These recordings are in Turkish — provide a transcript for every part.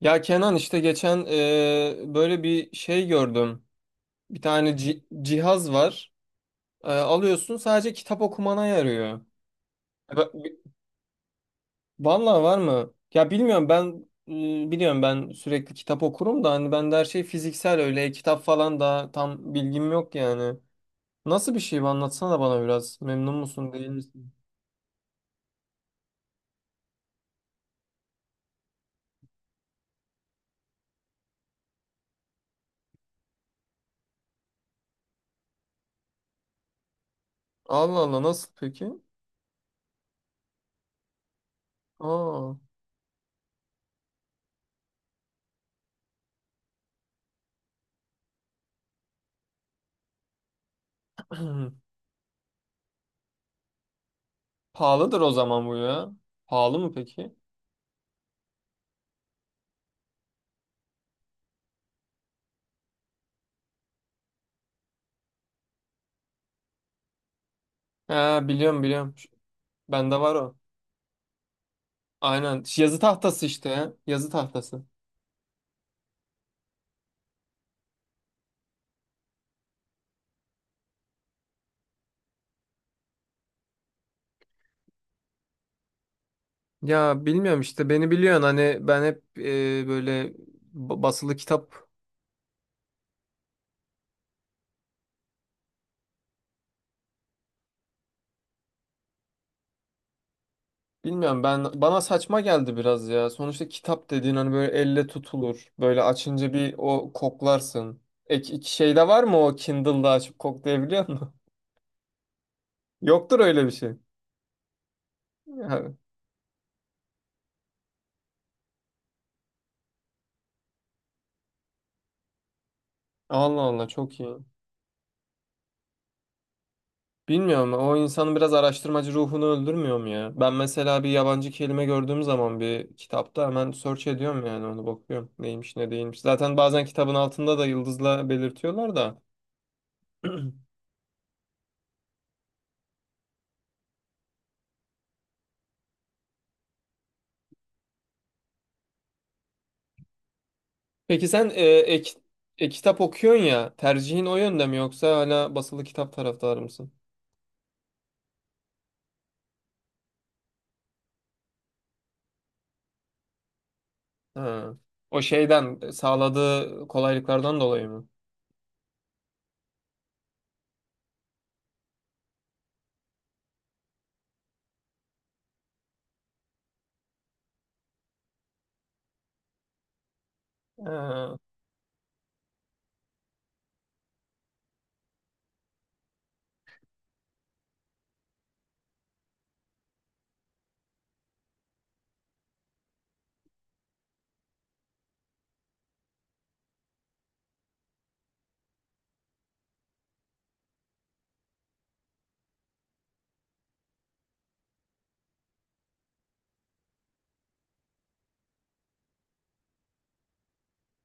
Ya Kenan işte geçen böyle bir şey gördüm. Bir tane cihaz var. Alıyorsun, sadece kitap okumana yarıyor. Ba- bi- Vallahi, var mı? Ya bilmiyorum ben. Biliyorum, ben sürekli kitap okurum da hani, ben de her şey fiziksel, öyle kitap falan da tam bilgim yok yani. Nasıl bir şey bu, anlatsana bana biraz. Memnun musun değil misin? Allah Allah, nasıl peki? Aa. Pahalıdır o zaman bu ya. Pahalı mı peki? Ha, biliyorum biliyorum. Bende var o. Aynen. Yazı tahtası işte ya. Yazı tahtası. Ya bilmiyorum işte, beni biliyorsun hani, ben hep böyle basılı kitap. Bilmiyorum, ben bana saçma geldi biraz ya. Sonuçta kitap dediğin hani böyle elle tutulur. Böyle açınca bir o koklarsın. İki şey var mı, o Kindle'da açıp koklayabiliyor musun? Yoktur öyle bir şey. Ya, Allah Allah, çok iyi. Bilmiyorum, o insanın biraz araştırmacı ruhunu öldürmüyor mu ya? Ben mesela bir yabancı kelime gördüğüm zaman bir kitapta hemen search ediyorum yani, onu bakıyorum. Neymiş ne değilmiş. Zaten bazen kitabın altında da yıldızla belirtiyorlar da. Peki sen kitap okuyorsun ya, tercihin o yönde mi, yoksa hala basılı kitap taraftarı mısın? Ha. O şeyden sağladığı kolaylıklardan dolayı mı? Ha.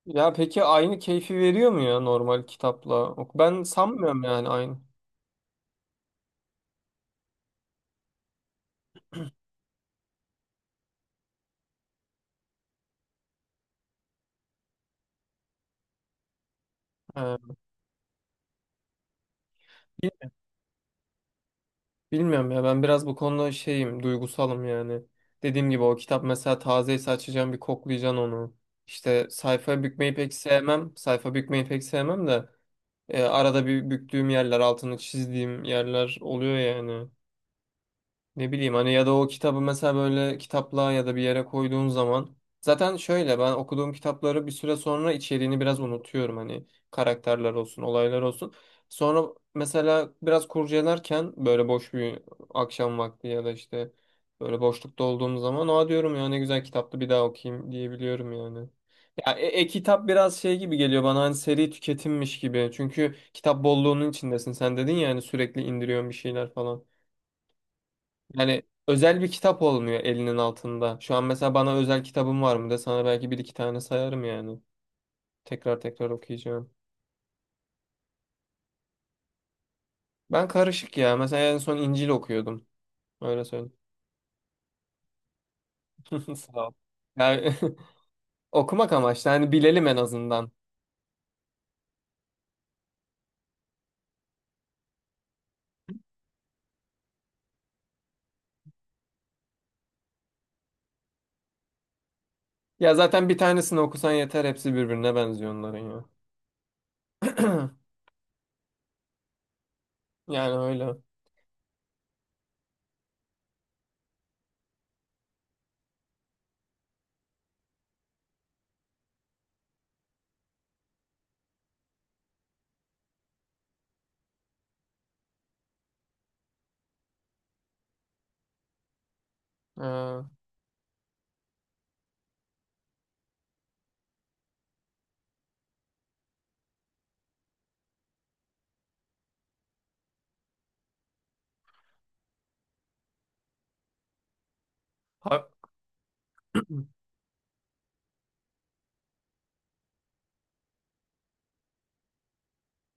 Ya peki aynı keyfi veriyor mu ya normal kitapla? Ok- ben sanmıyorum yani aynı. Ha. Bilmiyorum ya, ben biraz bu konuda şeyim, duygusalım yani. Dediğim gibi o kitap mesela tazeyse, açacağım bir koklayacaksın onu. İşte sayfa bükmeyi pek sevmem. Sayfa bükmeyi pek sevmem de arada bir büktüğüm yerler, altını çizdiğim yerler oluyor yani. Ne bileyim hani, ya da o kitabı mesela böyle kitaplığa ya da bir yere koyduğun zaman, zaten şöyle, ben okuduğum kitapları bir süre sonra içeriğini biraz unutuyorum hani, karakterler olsun olaylar olsun. Sonra mesela biraz kurcalarken, böyle boş bir akşam vakti, ya da işte böyle boşlukta olduğum zaman, aa diyorum ya, ne güzel kitaptı, bir daha okuyayım diyebiliyorum yani. Ya e-kitap biraz şey gibi geliyor bana, hani seri tüketimmiş gibi. Çünkü kitap bolluğunun içindesin. Sen dedin ya hani, sürekli indiriyorsun bir şeyler falan. Yani özel bir kitap olmuyor elinin altında. Şu an mesela bana özel kitabım var mı de, sana belki bir iki tane sayarım yani. Tekrar tekrar okuyacağım. Ben karışık ya. Mesela en son İncil okuyordum. Öyle söyleyeyim. Sağ ol. Yani okumak amaçlı. Hani bilelim en azından. Ya zaten bir tanesini okusan yeter. Hepsi birbirine benziyor onların ya. Yani öyle. Ee, ha-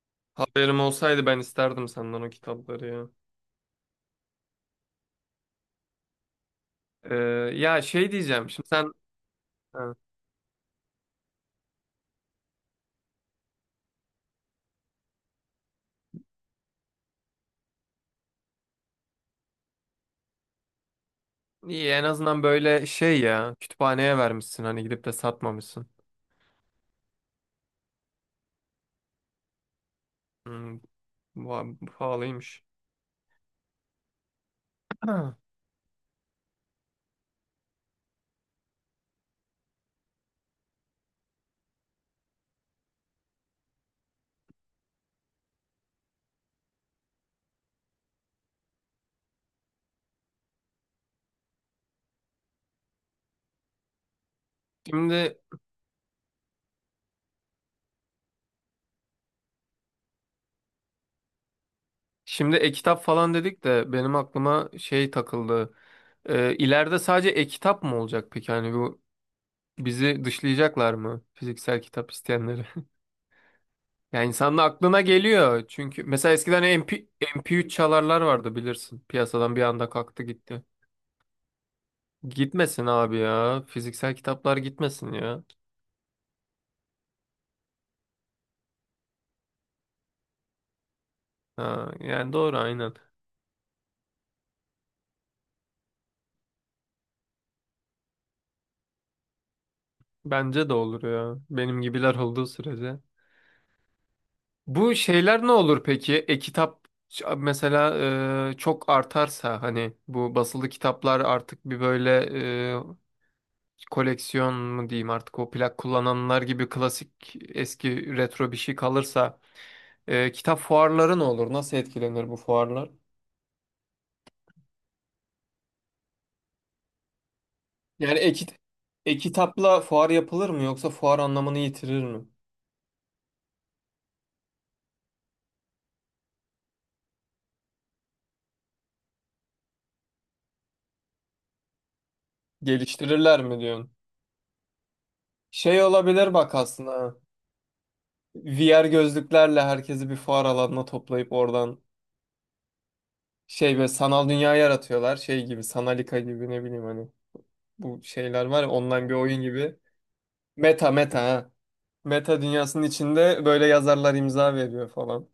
Haberim olsaydı ben isterdim senden o kitapları ya. Ee, Ya şey diyeceğim. Şimdi sen. İyi en azından böyle şey ya, kütüphaneye vermişsin, hani gidip de satmamışsın. Hmm, bu pahalıymış. Ha. Şimdi, e-kitap falan dedik de benim aklıma şey takıldı. İleride sadece e-kitap mı olacak peki? Hani bu bizi dışlayacaklar mı, fiziksel kitap isteyenleri? Yani insanın aklına geliyor, çünkü mesela eskiden MP3 çalarlar vardı, bilirsin. Piyasadan bir anda kalktı gitti. Gitmesin abi ya. Fiziksel kitaplar gitmesin ya. Ha, yani doğru, aynen. Bence de olur ya. Benim gibiler olduğu sürece. Bu şeyler ne olur peki? Mesela çok artarsa, hani bu basılı kitaplar artık bir böyle e, koleksiyon mu diyeyim, artık o plak kullananlar gibi klasik eski retro bir şey kalırsa, kitap fuarları ne olur? Nasıl etkilenir bu fuarlar? Yani e-kitapla fuar yapılır mı, yoksa fuar anlamını yitirir mi? Geliştirirler mi diyorsun? Şey olabilir bak aslında. VR gözlüklerle herkesi bir fuar alanına toplayıp oradan şey, böyle sanal dünya yaratıyorlar. Şey gibi, Sanalika gibi, ne bileyim hani, bu şeyler var ya, online bir oyun gibi. Meta, meta ha. Meta dünyasının içinde böyle yazarlar imza veriyor falan.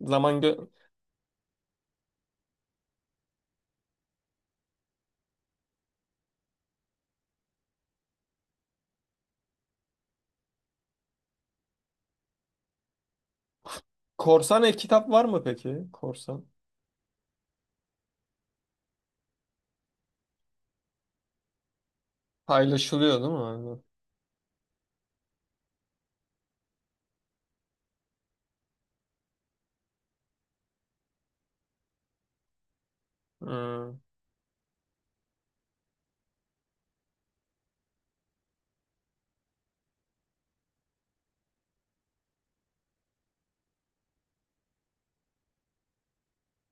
Zaman gö- Korsan e-kitap var mı peki? Korsan. Paylaşılıyor değil mi? Aynen. Hmm.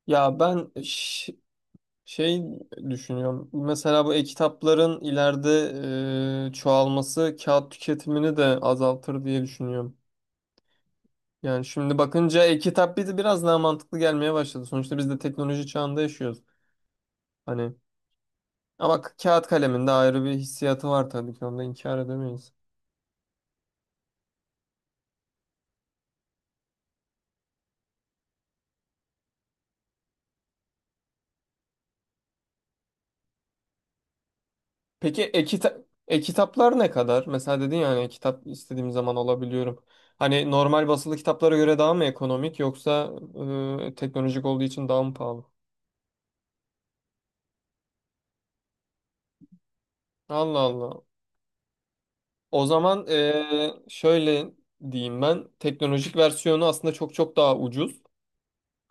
Ya ben ş- Şey düşünüyorum. Mesela bu e-kitapların ileride çoğalması kağıt tüketimini de azaltır diye düşünüyorum. Yani şimdi bakınca e-kitap bizi biraz daha mantıklı gelmeye başladı. Sonuçta biz de teknoloji çağında yaşıyoruz. Hani ama kağıt kalemin de ayrı bir hissiyatı var tabii ki, onu da inkar edemeyiz. Peki e-kitaplar ne kadar? Mesela dedin ya hani, kitap istediğim zaman alabiliyorum. Hani normal basılı kitaplara göre daha mı ekonomik, yoksa teknolojik olduğu için daha mı pahalı? Allah Allah. O zaman şöyle diyeyim ben. Teknolojik versiyonu aslında çok çok daha ucuz.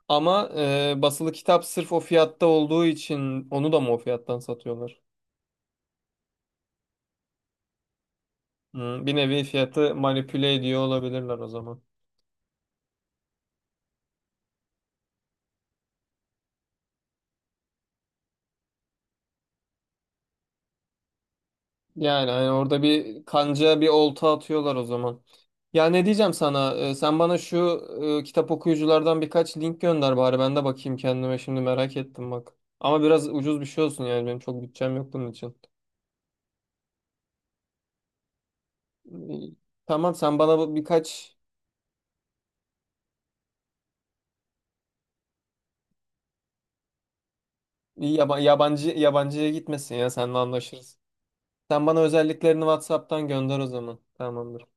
Ama basılı kitap sırf o fiyatta olduğu için, onu da mı o fiyattan satıyorlar? Bir nevi fiyatı manipüle ediyor olabilirler o zaman. Yani hani orada bir kanca, bir olta atıyorlar o zaman. Ya ne diyeceğim sana? Sen bana şu kitap okuyuculardan birkaç link gönder bari, ben de bakayım kendime, şimdi merak ettim bak. Ama biraz ucuz bir şey olsun yani, benim çok bütçem yok bunun için. Tamam, sen bana bu birkaç yabancı yabancıya gitmesin ya, seninle anlaşırız. Sen bana özelliklerini WhatsApp'tan gönder o zaman. Tamamdır.